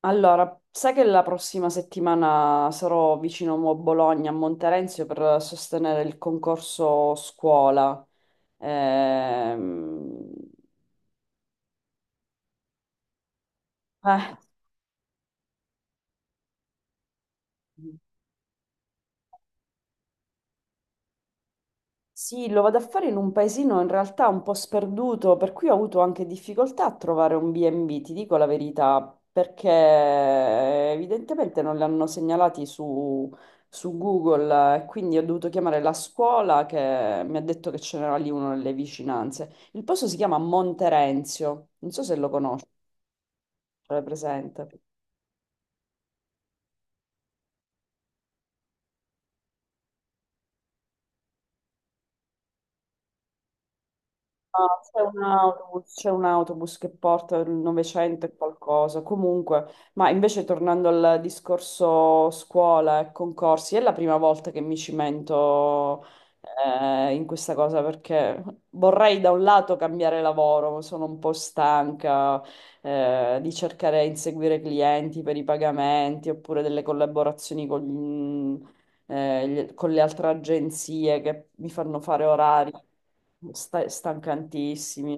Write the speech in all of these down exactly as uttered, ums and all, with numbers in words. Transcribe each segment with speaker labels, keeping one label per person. Speaker 1: Allora, sai che la prossima settimana sarò vicino a Bologna, a Monterenzio, per sostenere il concorso scuola. Ehm, eh, Sì, lo vado a fare in un paesino in realtà un po' sperduto, per cui ho avuto anche difficoltà a trovare un B e B, ti dico la verità, perché evidentemente non li hanno segnalati su, su Google eh, e quindi ho dovuto chiamare la scuola che mi ha detto che ce n'era lì uno nelle vicinanze. Il posto si chiama Monterenzio, non so se lo conosci, è presente. No, c'è un autobus, c'è un autobus che porta il novecento e qualcosa. Comunque, ma invece tornando al discorso scuola e concorsi, è la prima volta che mi cimento eh, in questa cosa perché vorrei da un lato cambiare lavoro, sono un po' stanca eh, di cercare di inseguire clienti per i pagamenti oppure delle collaborazioni con gli- eh, gli- con le altre agenzie che mi fanno fare orari. Sta- stancantissimi.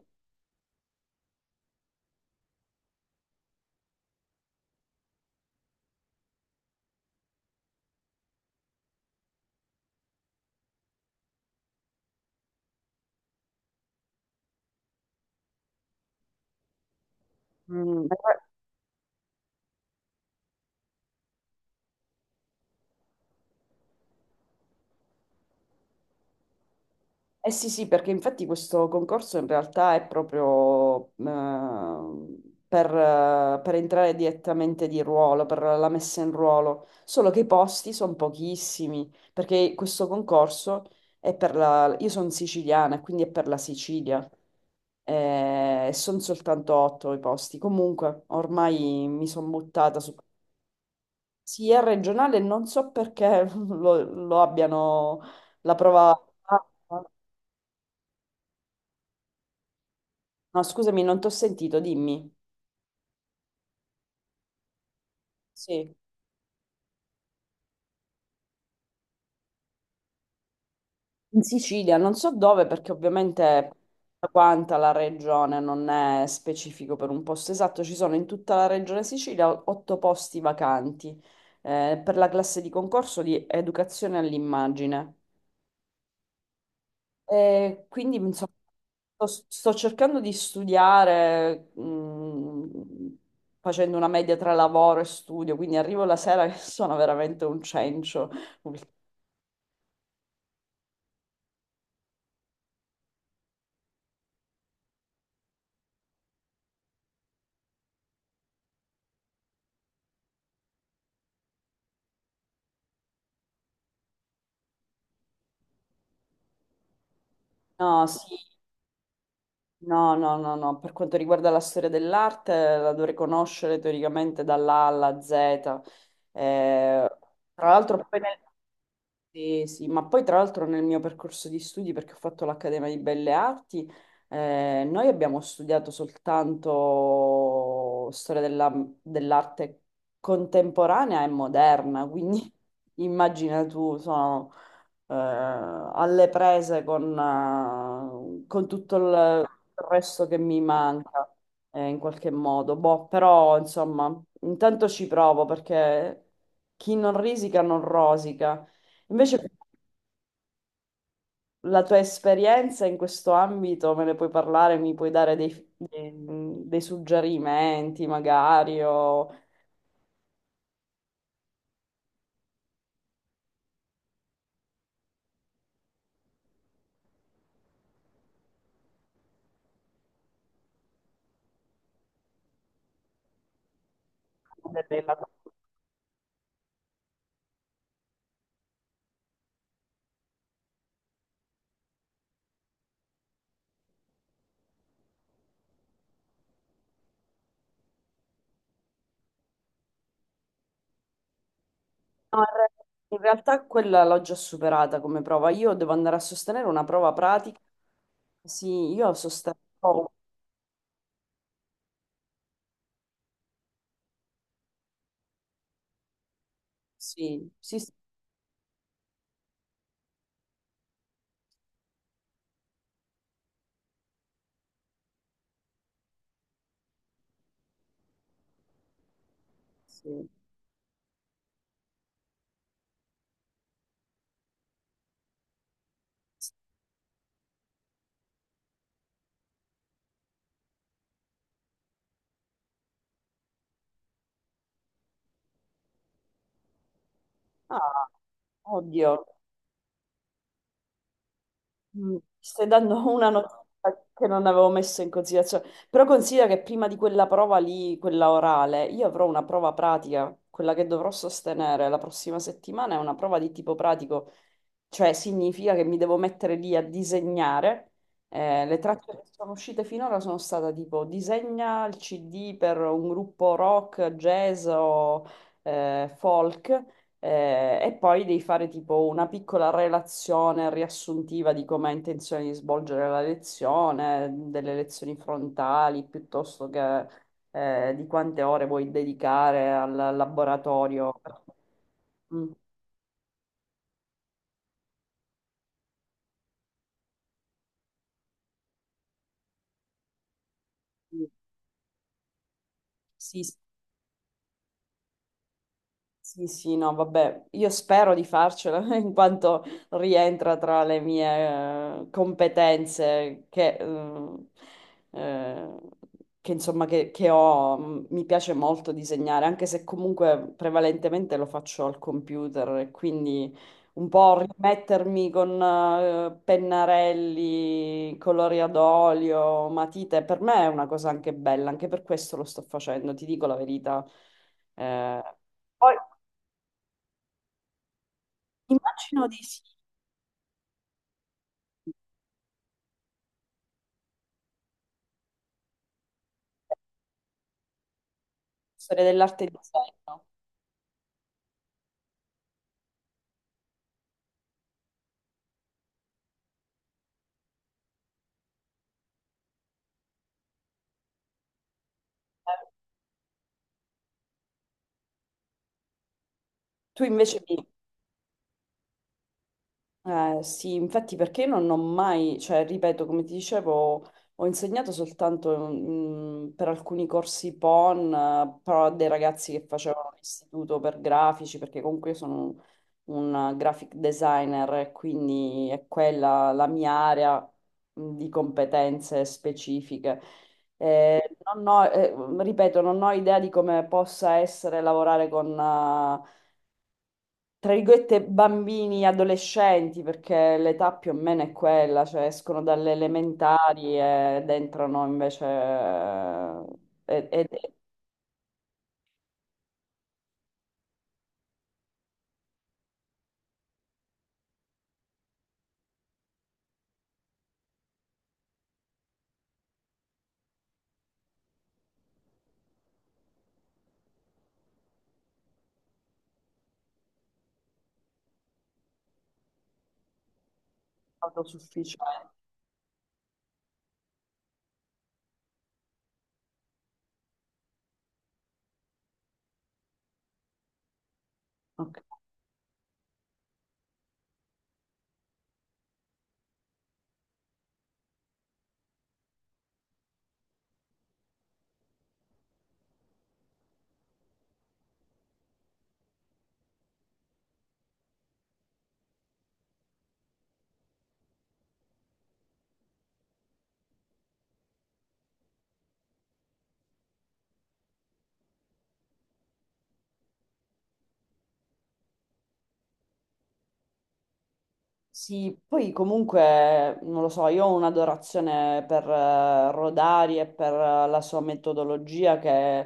Speaker 1: Mm, eh eh sì, sì, perché infatti questo concorso in realtà è proprio ehm, per, eh, per entrare direttamente di ruolo, per la messa in ruolo, solo che i posti sono pochissimi, perché questo concorso è per la. Io sono siciliana, quindi è per la Sicilia. Eh, E sono soltanto otto i posti. Comunque, ormai mi sono buttata su. Sì, è regionale, non so perché lo, lo abbiano la prova. Ah, no, scusami, non ti ho sentito, dimmi. Sì. In Sicilia, non so dove, perché ovviamente tutta quanta la regione non è specifico per un posto esatto, ci sono in tutta la regione Sicilia otto posti vacanti eh, per la classe di concorso di educazione all'immagine. Eh, quindi insomma, sto, sto cercando di studiare, mh, facendo una media tra lavoro e studio, quindi arrivo la sera che sono veramente un cencio. No, sì, no, no, no, no. Per quanto riguarda la storia dell'arte, la dovrei conoscere teoricamente dall'A alla Z. Eh, tra l'altro, poi nel- sì, sì, ma poi tra l'altro nel mio percorso di studi, perché ho fatto l'Accademia di Belle Arti, eh, noi abbiamo studiato soltanto storia della- dell'arte contemporanea e moderna, quindi immagina tu, sono eh, alle prese con, eh, con tutto il il resto che mi manca, eh, in qualche modo. Boh, però, insomma, intanto ci provo perché chi non risica non rosica. Invece la tua esperienza in questo ambito me ne puoi parlare, mi puoi dare dei, dei- dei suggerimenti, magari, o delle No, in realtà quella l'ho già superata come prova. Io devo andare a sostenere una prova pratica. Sì, io sostengo. oh, Sì, sì, sì. sì. Ah, oddio, Mm, stai dando una notizia che non avevo messo in considerazione. Però considera che prima di quella prova lì, quella orale, io avrò una prova pratica. Quella che dovrò sostenere la prossima settimana è una prova di tipo pratico, cioè significa che mi devo mettere lì a disegnare. Eh, le tracce che sono uscite finora sono state tipo disegna il C D per un gruppo rock, jazz o eh, folk. eh, e poi devi fare tipo una piccola relazione riassuntiva di come hai intenzione di svolgere la lezione, delle lezioni frontali, piuttosto che eh, di quante ore vuoi dedicare al laboratorio. Mm. Sì, sì, sì, sì, no, vabbè, io spero di farcela in quanto rientra tra le mie eh, competenze che, eh, eh, che, insomma che, che ho. M- mi piace molto disegnare, anche se comunque prevalentemente lo faccio al computer e quindi un po' rimettermi con eh, pennarelli, colori ad olio, matite, per me è una cosa anche bella, anche per questo lo sto facendo, ti dico la verità. Eh, poi immagino di sì, storia dell'arte e disegno. Eh, Tu invece mi. Eh, sì, infatti perché non ho mai, cioè ripeto, come ti dicevo, ho insegnato soltanto mm, per alcuni corsi PON, eh, però a dei ragazzi che facevano l'istituto per grafici, perché comunque io sono un, un graphic designer e quindi è quella la mia area mm, di competenze specifiche. Eh, non ho- eh, Ripeto, non ho idea di come possa essere lavorare con eh, tra virgolette, bambini, adolescenti, perché l'età più o meno è quella, cioè escono dalle elementari ed entrano invece eh, ed ed è autosufficiente. Ok. Sì, poi comunque, non lo so, io ho un'adorazione per eh, Rodari e per eh, la sua metodologia che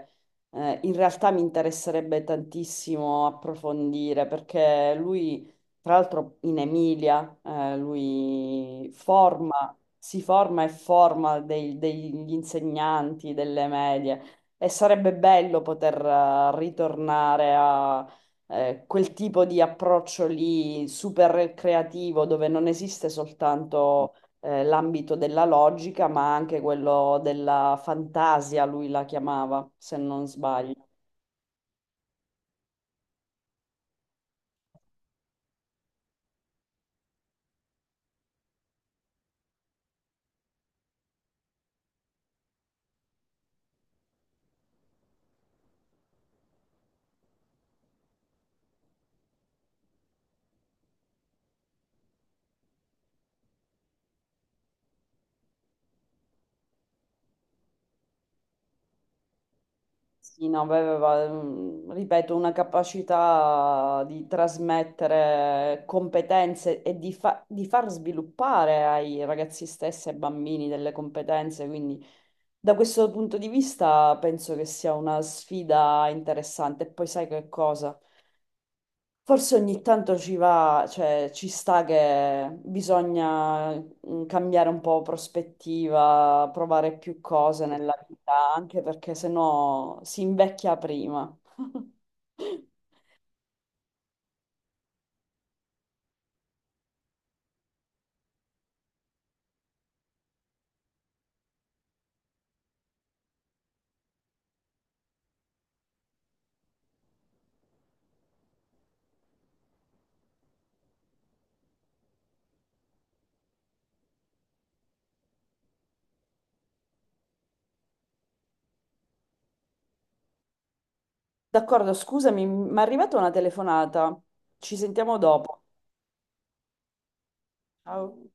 Speaker 1: eh, in realtà mi interesserebbe tantissimo approfondire perché lui, tra l'altro in Emilia, eh, lui forma, si forma e forma dei- degli insegnanti delle medie e sarebbe bello poter eh, ritornare eh, quel tipo di approccio lì super creativo dove non esiste soltanto eh, l'ambito della logica, ma anche quello della fantasia, lui la chiamava, se non sbaglio. Sì, no, aveva, mm, ripeto, una capacità di trasmettere competenze e di, fa- di far sviluppare ai ragazzi stessi e ai bambini delle competenze, quindi da questo punto di vista penso che sia una sfida interessante. E poi sai che cosa? Forse ogni tanto ci va, cioè ci sta che bisogna mm, cambiare un po' prospettiva, provare più cose nella vita, anche perché sennò si invecchia prima. D'accordo, scusami, mi è arrivata una telefonata. Ci sentiamo dopo. Ciao.